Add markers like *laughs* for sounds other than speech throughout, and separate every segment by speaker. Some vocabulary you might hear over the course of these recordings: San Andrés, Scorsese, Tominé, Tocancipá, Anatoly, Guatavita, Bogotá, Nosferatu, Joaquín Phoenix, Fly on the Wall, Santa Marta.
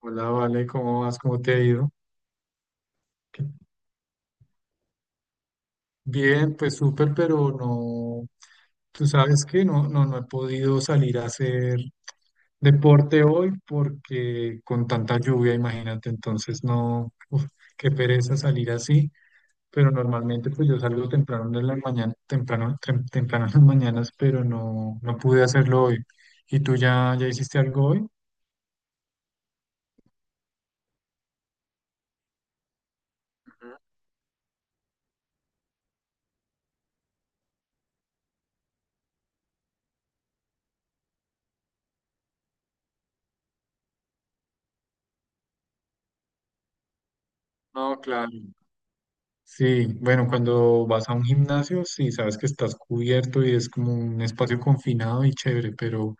Speaker 1: Hola, Vale, ¿cómo vas? ¿Cómo te ha ido? ¿Qué- Bien, pues súper, pero no, tú sabes que no he podido salir a hacer deporte hoy porque con tanta lluvia, imagínate, entonces no, uf, qué pereza salir así, pero normalmente pues yo salgo temprano en las mañanas, temprano en las mañanas, pero no pude hacerlo hoy. ¿Y tú ya hiciste algo hoy? No, claro. Sí, bueno, cuando vas a un gimnasio, sí, sabes que estás cubierto y es como un espacio confinado y chévere, pero...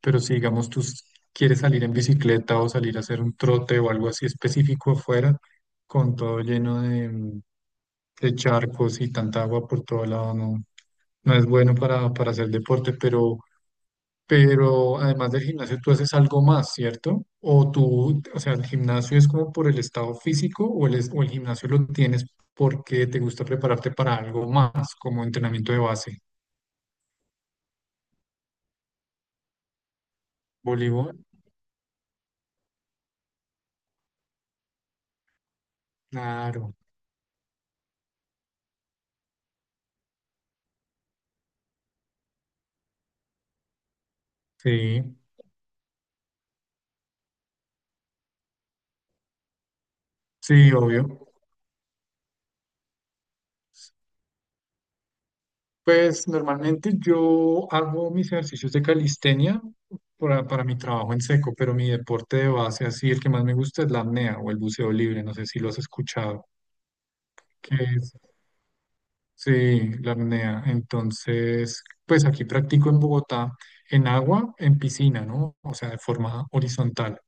Speaker 1: Pero si, digamos, tú quieres salir en bicicleta o salir a hacer un trote o algo así específico afuera, con todo lleno de charcos y tanta agua por todo lado, no es bueno para hacer deporte, pero... Pero además del gimnasio, tú haces algo más, ¿cierto? O sea, el gimnasio es como por el estado físico o el gimnasio lo tienes porque te gusta prepararte para algo más, como entrenamiento de base. Voleibol, claro. Sí, sí, obvio. Pues normalmente yo hago mis ejercicios de calistenia para mi trabajo en seco, pero mi deporte de base, así el que más me gusta es la apnea o el buceo libre, no sé si lo has escuchado, que es, sí, la apnea. Entonces, pues aquí practico en Bogotá, en agua, en piscina, ¿no? O sea, de forma horizontal.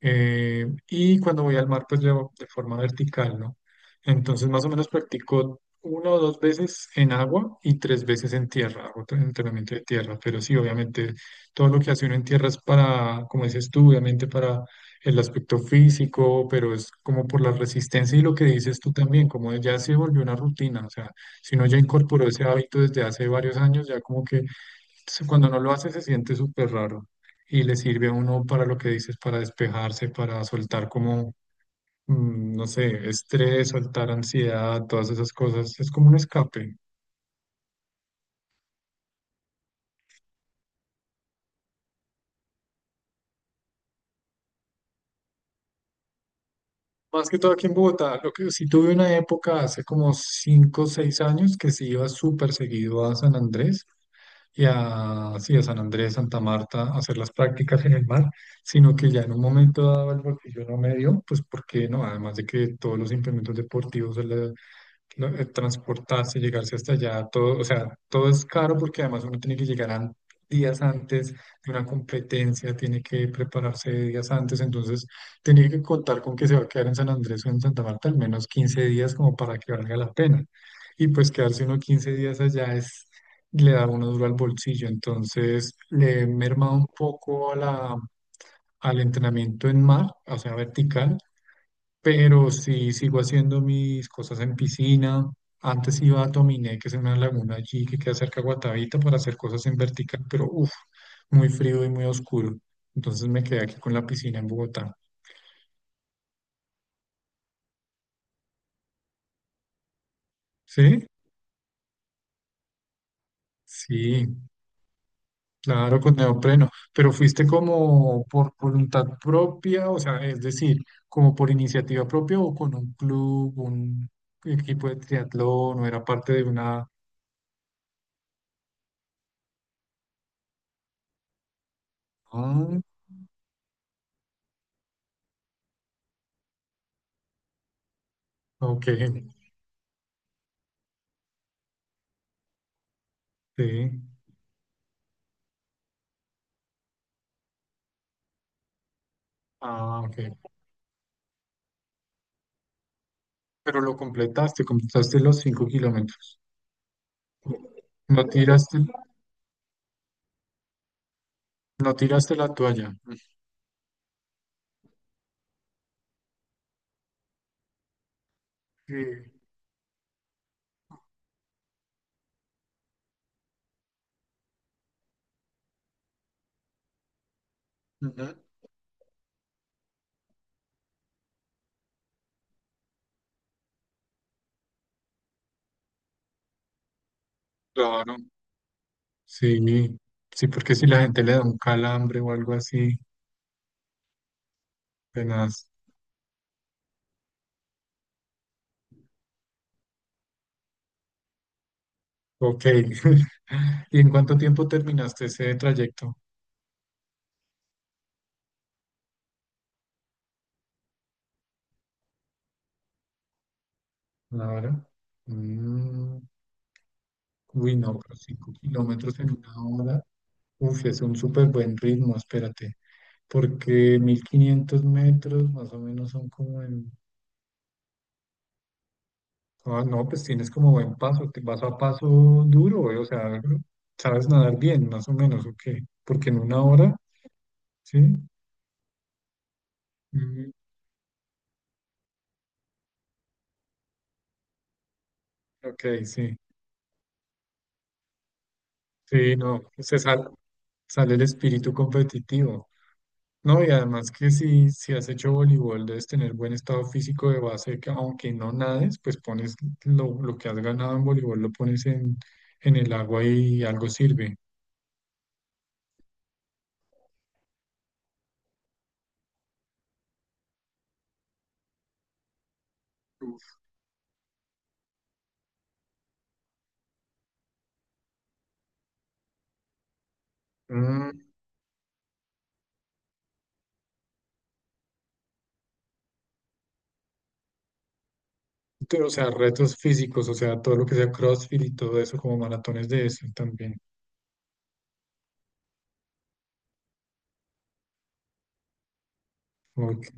Speaker 1: Y cuando voy al mar, pues llevo de forma vertical, ¿no? Entonces, más o menos practico una o dos veces en agua y tres veces en tierra, hago entrenamiento de tierra, pero sí, obviamente, todo lo que hace uno en tierra es para, como dices tú, obviamente para el aspecto físico, pero es como por la resistencia y lo que dices tú también, como ya se volvió una rutina, o sea, si uno ya incorporó ese hábito desde hace varios años, ya como que cuando no lo hace se siente súper raro y le sirve a uno para lo que dices, para despejarse, para soltar como, no sé, estrés, soltar ansiedad, todas esas cosas. Es como un escape. Más que todo aquí en Bogotá, lo que sí tuve una época hace como cinco o 6 años que sí iba súper seguido a San Andrés y a, sí, a San Andrés, Santa Marta, a hacer las prácticas en el mar, sino que ya en un momento dado el bolsillo no me dio, pues porque no, además de que todos los implementos deportivos, ¿no? Transportarse, llegarse hasta allá, todo, o sea, todo es caro porque además uno tiene que llegar días antes de una competencia, tiene que prepararse días antes, entonces tiene que contar con que se va a quedar en San Andrés o en Santa Marta al menos 15 días como para que valga la pena. Y pues quedarse uno 15 días allá es, le da uno duro al bolsillo, entonces le he mermado un poco a al entrenamiento en mar, o sea, vertical, pero sí sigo haciendo mis cosas en piscina. Antes iba a Tominé, que es una laguna allí que queda cerca de Guatavita, para hacer cosas en vertical, pero uff, muy frío y muy oscuro. Entonces me quedé aquí con la piscina en Bogotá. ¿Sí? Sí, claro, con neopreno. Pero fuiste como por voluntad propia, o sea, es decir, como por iniciativa propia o con un club, un equipo de triatlón, o era parte de una... Ah, ok, sí. Ah, ok. Pero lo completaste, completaste los 5 kilómetros. No tiraste, no tiraste la toalla. Sí. Ujú. Claro, sí, sí, porque si la gente le da un calambre o algo así, tenaz. Ok. *laughs* ¿Y en cuánto tiempo terminaste ese trayecto? Una hora. Mm, Uy, no, pero 5 kilómetros en una hora. Uf, es un súper buen ritmo, espérate. Porque 1500 metros más o menos son como en... Ah, no, pues tienes como buen paso, te vas a paso duro, o sea, sabes nadar bien, más o menos, ¿o qué? Porque en una hora, ¿sí? Mm, ok, sí. Sí, no, se sale el espíritu competitivo. No, y además que si has hecho voleibol, debes tener buen estado físico de base, que aunque no nades, pues pones lo que has ganado en voleibol, lo pones en el agua y algo sirve. Mm. Pero, o sea, retos físicos, o sea, todo lo que sea CrossFit y todo eso, como maratones de eso también. Ok.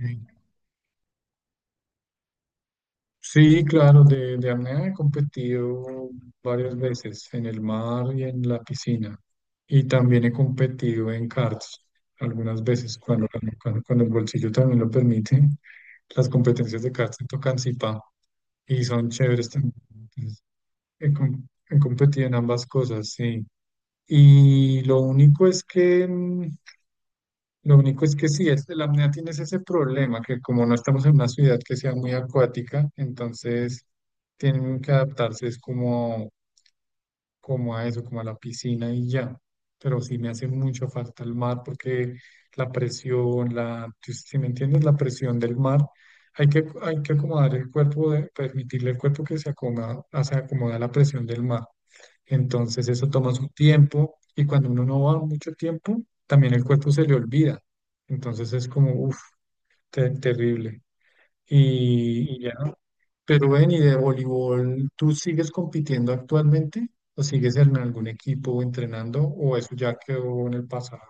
Speaker 1: Sí, claro, de apnea he competido varias veces en el mar y en la piscina. Y también he competido en karts algunas veces cuando, cuando el bolsillo también lo permite. Las competencias de karts en Tocancipá y son chéveres también. Entonces, he competido en ambas cosas, sí. Y lo único es que lo único es que sí, es, la apnea tienes ese problema, que como no estamos en una ciudad que sea muy acuática, entonces tienen que adaptarse, es como, como a eso, como a la piscina y ya. Pero sí me hace mucha falta el mar porque la presión, la, si si me entiendes, la presión del mar, hay que acomodar el cuerpo, permitirle al cuerpo que se acomoda a la presión del mar. Entonces eso toma su tiempo y cuando uno no va mucho tiempo, también el cuerpo se le olvida. Entonces es como, uff, terrible. Y ya. Pero ven, ¿y de voleibol tú sigues compitiendo actualmente? ¿O sigues en algún equipo entrenando? ¿O eso ya quedó en el pasado?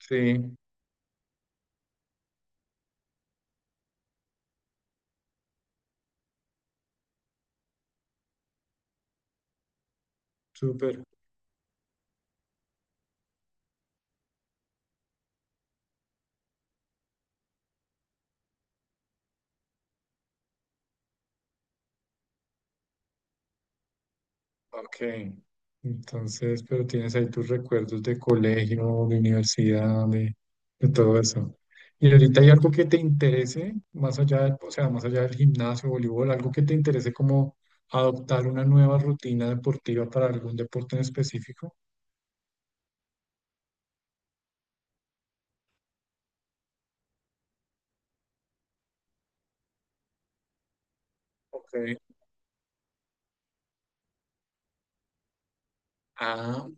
Speaker 1: Sí, súper. Ok, entonces, pero tienes ahí tus recuerdos de colegio, de universidad, de todo eso. ¿Y ahorita hay algo que te interese, más allá o sea, más allá del gimnasio, voleibol, algo que te interese como adoptar una nueva rutina deportiva para algún deporte en específico? Ok. Ah,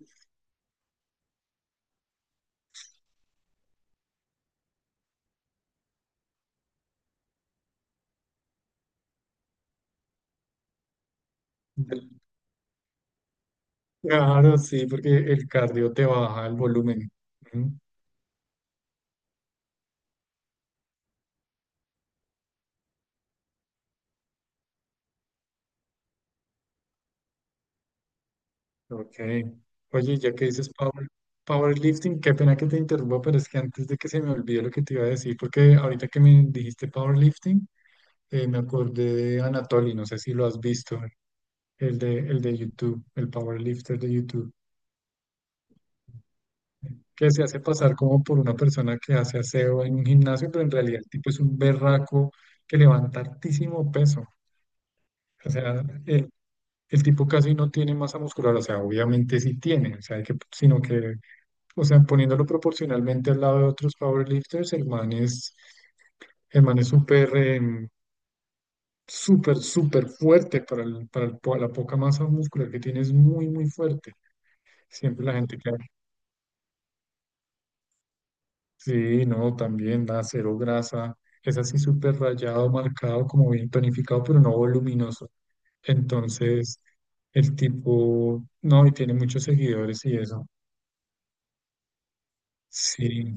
Speaker 1: del- claro, sí, porque el cardio te baja el volumen. Ujú. Ok. Oye, ya que dices powerlifting, qué pena que te interrumpa, pero es que antes de que se me olvide lo que te iba a decir, porque ahorita que me dijiste powerlifting, me acordé de Anatoly, no sé si lo has visto, el de YouTube, el powerlifter de YouTube, que se hace pasar como por una persona que hace aseo en un gimnasio, pero en realidad el tipo es un berraco que levanta altísimo peso. O sea, el tipo casi no tiene masa muscular, o sea, obviamente sí tiene, o sea, que, sino que o sea, poniéndolo proporcionalmente al lado de otros powerlifters, el man es súper, súper, súper fuerte para la poca masa muscular que tiene, es muy, muy fuerte. Siempre la gente que, sí, no, también da cero grasa, es así súper rayado, marcado, como bien tonificado, pero no voluminoso. Entonces, el tipo, no, y tiene muchos seguidores y eso. Sí,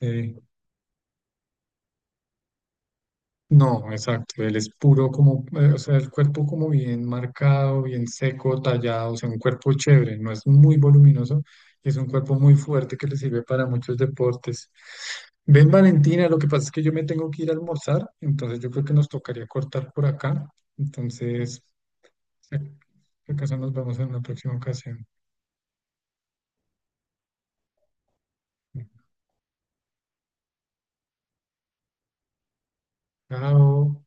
Speaker 1: sí. No, exacto, él es puro como, o sea, el cuerpo como bien marcado, bien seco, tallado, o sea, un cuerpo chévere, no es muy voluminoso, y es un cuerpo muy fuerte que le sirve para muchos deportes. Ven, Valentina, lo que pasa es que yo me tengo que ir a almorzar, entonces yo creo que nos tocaría cortar por acá, entonces, si acaso nos vemos en una próxima ocasión. Chao.